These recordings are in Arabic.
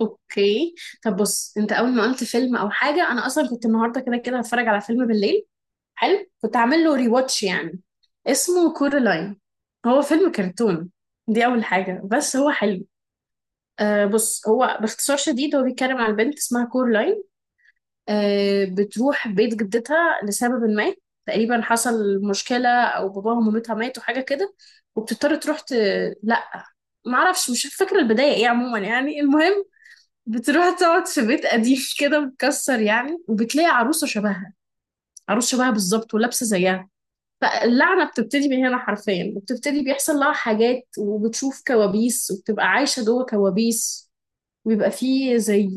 اوكي. طب بص، انت اول ما قلت فيلم او حاجه انا اصلا كنت النهارده كده كده هتفرج على فيلم بالليل. حلو، كنت هعمل له ري واتش يعني. اسمه كورالاين. هو فيلم كرتون. دي اول حاجه بس هو حلو. بص، هو باختصار شديد هو بيتكلم عن بنت اسمها كورلاين. بتروح بيت جدتها لسبب ما. تقريبا حصل مشكلة، أو باباها ومامتها ماتوا حاجة كده. وبتضطر تروح لأ، معرفش، مش فاكرة البداية إيه. عموما يعني المهم، بتروح تقعد في بيت قديم كده متكسر يعني، وبتلاقي عروسة شبهها، عروس شبهها بالظبط ولابسة زيها. فاللعنة بتبتدي من هنا حرفيا، وبتبتدي بيحصل لها حاجات وبتشوف كوابيس وبتبقى عايشة جوه كوابيس. وبيبقى فيه زي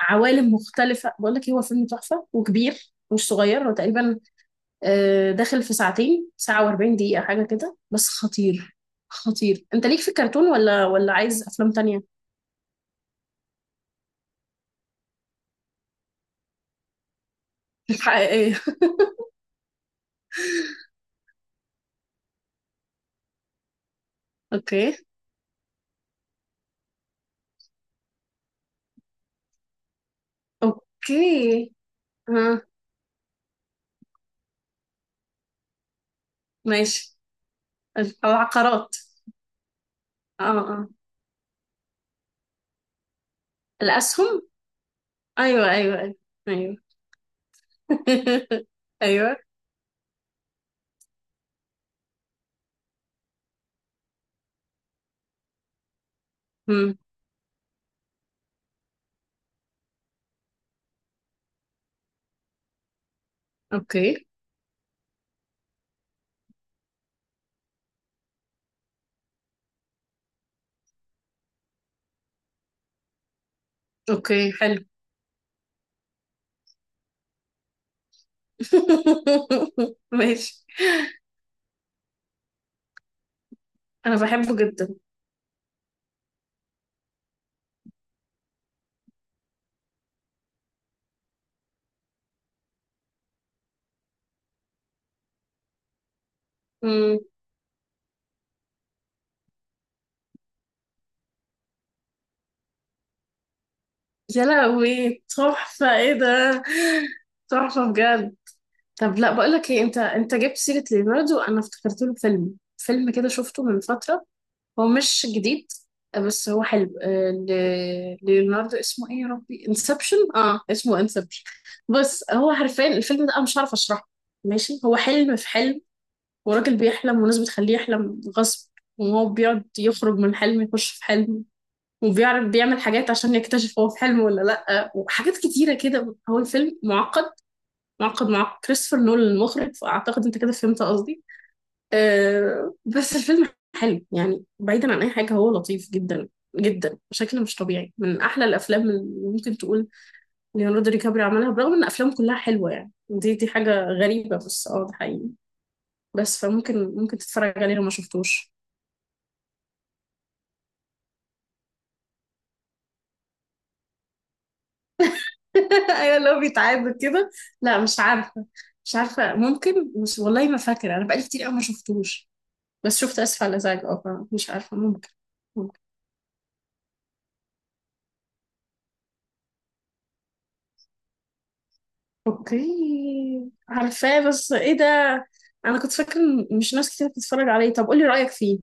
عوالم مختلفة. بقول لك إيه، هو فيلم تحفة وكبير مش صغير. هو تقريبا داخل في ساعتين، ساعة و40 دقيقة حاجة كده، بس خطير. خطير. انت ليك في الكرتون ولا عايز افلام تانية؟ حقيقية. اوكي. اوكي. ها. ماشي. العقارات. اه، اه. الأسهم. أيوه أيوه أيوه أيوه. أيوه. مم. أوكي. أوكي، حلو. ماشي. أنا بحبه جدا. مم. يا لهوي، تحفة إيه ده! تحفة بجد. طب لا، بقولك إيه، أنت جبت سيرة ليوناردو، أنا افتكرت له فيلم كده شفته من فترة. هو مش جديد بس هو حلو. ليوناردو اسمه ايه يا ربي، انسبشن. اه، اسمه انسبشن. بس هو حرفيا الفيلم ده انا مش عارفه اشرحه. ماشي، هو حلم في حلم. وراجل بيحلم والناس بتخليه يحلم غصب، وهو بيقعد يخرج من حلم يخش في حلم. وبيعرف بيعمل حاجات عشان يكتشف هو في حلم ولا لأ، وحاجات كتيرة كده، هو الفيلم معقد. معقد، مع كريستوفر نولان المخرج، فأعتقد أنت كده فهمت قصدي. بس الفيلم حلو يعني، بعيدا عن اي حاجه هو لطيف جدا، جدا بشكل مش طبيعي، من احلى الافلام اللي ممكن تقول ليوناردو دي كابري عملها، برغم ان افلامه كلها حلوه يعني، دي حاجه غريبه، بس اه ده حقيقي. بس فممكن تتفرج عليه لو ما شفتوش. ايوه، اللي هو بيتعاد كده. لا، مش عارفه، مش عارفه ممكن، مش والله ما فاكره، انا بقالي كتير قوي ما شفتوش. بس شفت اسف على الازعاج، اه مش عارفه، ممكن. اوكي عارفاه بس ايه ده، انا كنت فاكره إن مش ناس كتير بتتفرج عليه. طب قولي رأيك فيه.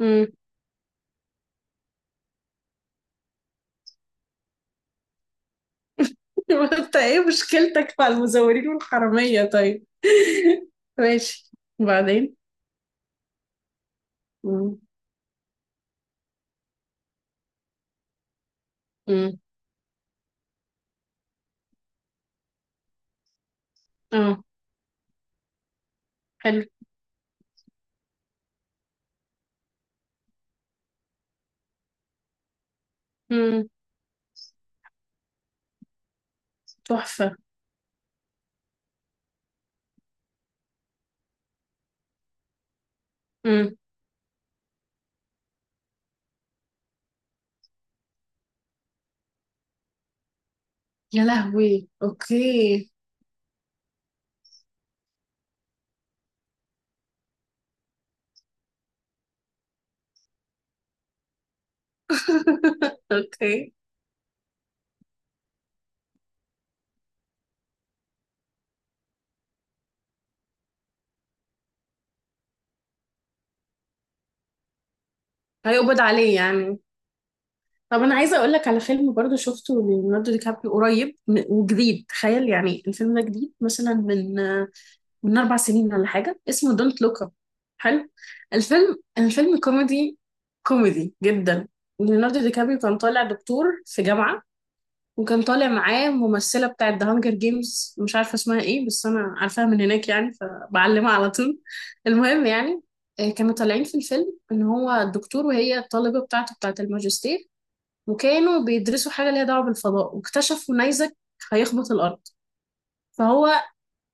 امم. انت ايه مشكلتك مع المزورين والحرامية طيب؟ ماشي، وبعدين. امم. امم. اه. حلو. امم. تحفة. امم. يا لهوي، اوكي. اوكي، هيقبض عليه يعني. طب انا عايزه اقول لك على فيلم برضو شفته، ليوناردو دي كابريو قريب وجديد، تخيل يعني الفيلم ده جديد مثلا من 4 سنين ولا حاجه، اسمه دونت لوك اب. حلو. الفيلم كوميدي، كوميدي جدا. ليوناردو دي كابريو كان طالع دكتور في جامعه، وكان طالع معاه ممثله بتاعه ذا هانجر جيمز، مش عارفه اسمها ايه بس انا عارفاها من هناك يعني، فبعلمها على طول. المهم يعني، كانوا طالعين في الفيلم ان هو الدكتور وهي الطالبه بتاعته، بتاعه الماجستير. وكانوا بيدرسوا حاجه ليها دعوه بالفضاء، واكتشفوا نيزك هيخبط الارض. فهو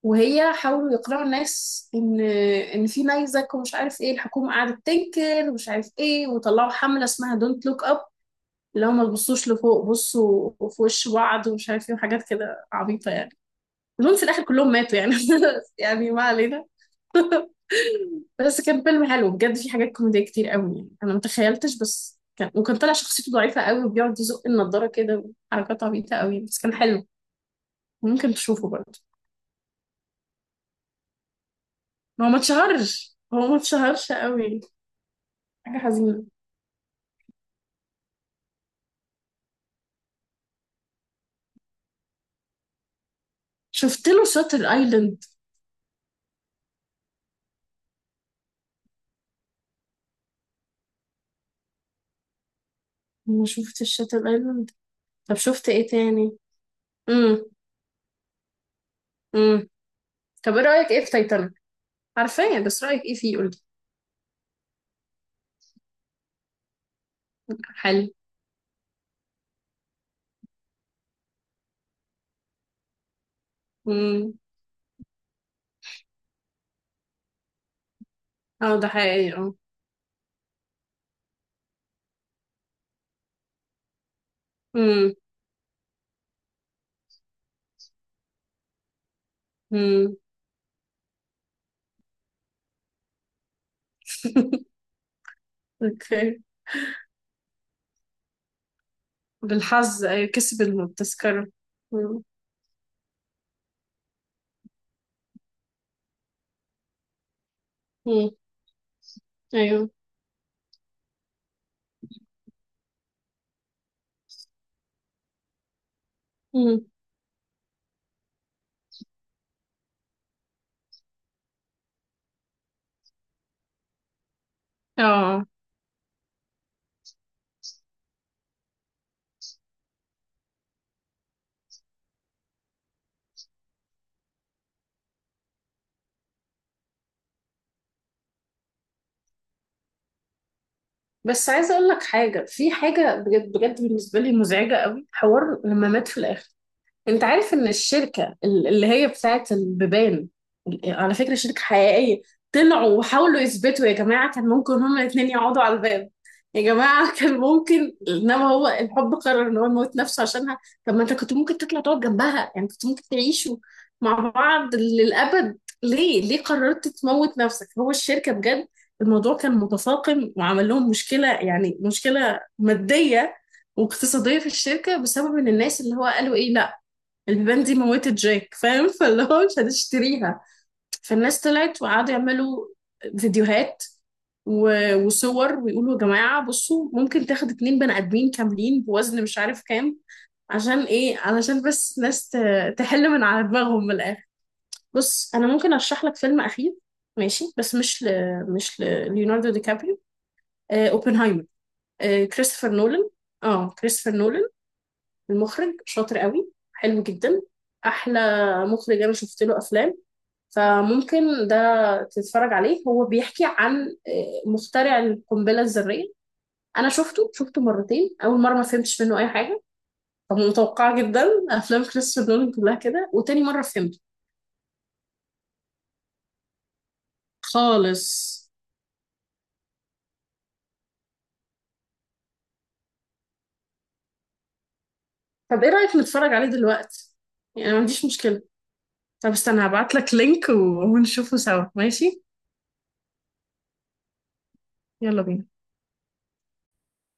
وهي حاولوا يقنعوا الناس ان في نيزك ومش عارف ايه، الحكومه قعدت تنكر ومش عارف ايه، وطلعوا حمله اسمها دونت لوك اب. اللي هو ما تبصوش لفوق، بصوا في وش بعض ومش عارف ايه، وحاجات كده عبيطه يعني. المهم في الاخر كلهم ماتوا يعني. يعني ما علينا. بس كان فيلم حلو بجد، في حاجات كوميدية كتير قوي يعني، انا ما تخيلتش. بس كان، وكان طالع شخصيته ضعيفه قوي، وبيقعد يزق النضاره كده. حركات عبيطه قوي يعني. بس كان حلو، ممكن تشوفه برضه. ما هو ما اتشهرش، هو ما اتشهرش قوي، حاجه حزينه. شفت له شاتر ايلاند؟ ما شفتش شاتر ايلاند. طب شفت ايه تاني؟ امم. امم. طب ايه رايك، ايه في تايتانيك؟ عارفاه بس رايك ايه فيه، قولي. حلو. امم. اه، ده حقيقي اه. امم. امم. اوكي، بالحظ أيوة كسب التذكرة. مم. مم. ايوه. مم. اه. بس عايزه اقول لك حاجه، في حاجه بجد بجد بالنسبه لي مزعجه قوي، حوار لما مات في الاخر. انت عارف ان الشركة اللي هي بتاعت البيبان، على فكرة شركة حقيقية. طلعوا وحاولوا يثبتوا يا جماعة كان ممكن هما الاتنين يقعدوا على الباب. يا جماعة، كان ممكن، انما هو الحب قرر ان هو يموت نفسه عشانها. طب ما انت كنت ممكن تطلع تقعد جنبها يعني، كنت ممكن تعيشوا مع بعض للأبد. ليه ليه قررت تموت نفسك؟ هو الشركة بجد الموضوع كان متفاقم وعمل لهم مشكلة، يعني مشكلة مادية واقتصادية في الشركة، بسبب ان الناس اللي هو قالوا ايه لا، البيبان دي موتت جاك فاهم، فاللي هو مش هنشتريها. فالناس طلعت وقعدوا يعملوا فيديوهات وصور، ويقولوا يا جماعة بصوا ممكن تاخد اتنين بني آدمين كاملين بوزن مش عارف كام. عشان ايه، علشان بس ناس تحل من على دماغهم من الآخر. بص، أنا ممكن أرشح لك فيلم أخير. ماشي بس مش ل... مش ل... ليوناردو دي كابريو. اوبنهايمر. كريستوفر نولان. اه، كريستوفر نولان المخرج شاطر قوي، حلو جدا، احلى مخرج انا شفت له افلام. فممكن ده تتفرج عليه، هو بيحكي عن مخترع القنبله الذريه. انا شفته مرتين، اول مره ما فهمتش منه اي حاجه. طب متوقعه جدا، افلام كريستوفر نولان كلها كده. وتاني مره فهمت خالص. طب ايه رايك نتفرج عليه دلوقتي؟ يعني أنا ما عنديش مشكله. طب استنى هبعت لك لينك ونشوفه سوا، ماشي، يلا بينا.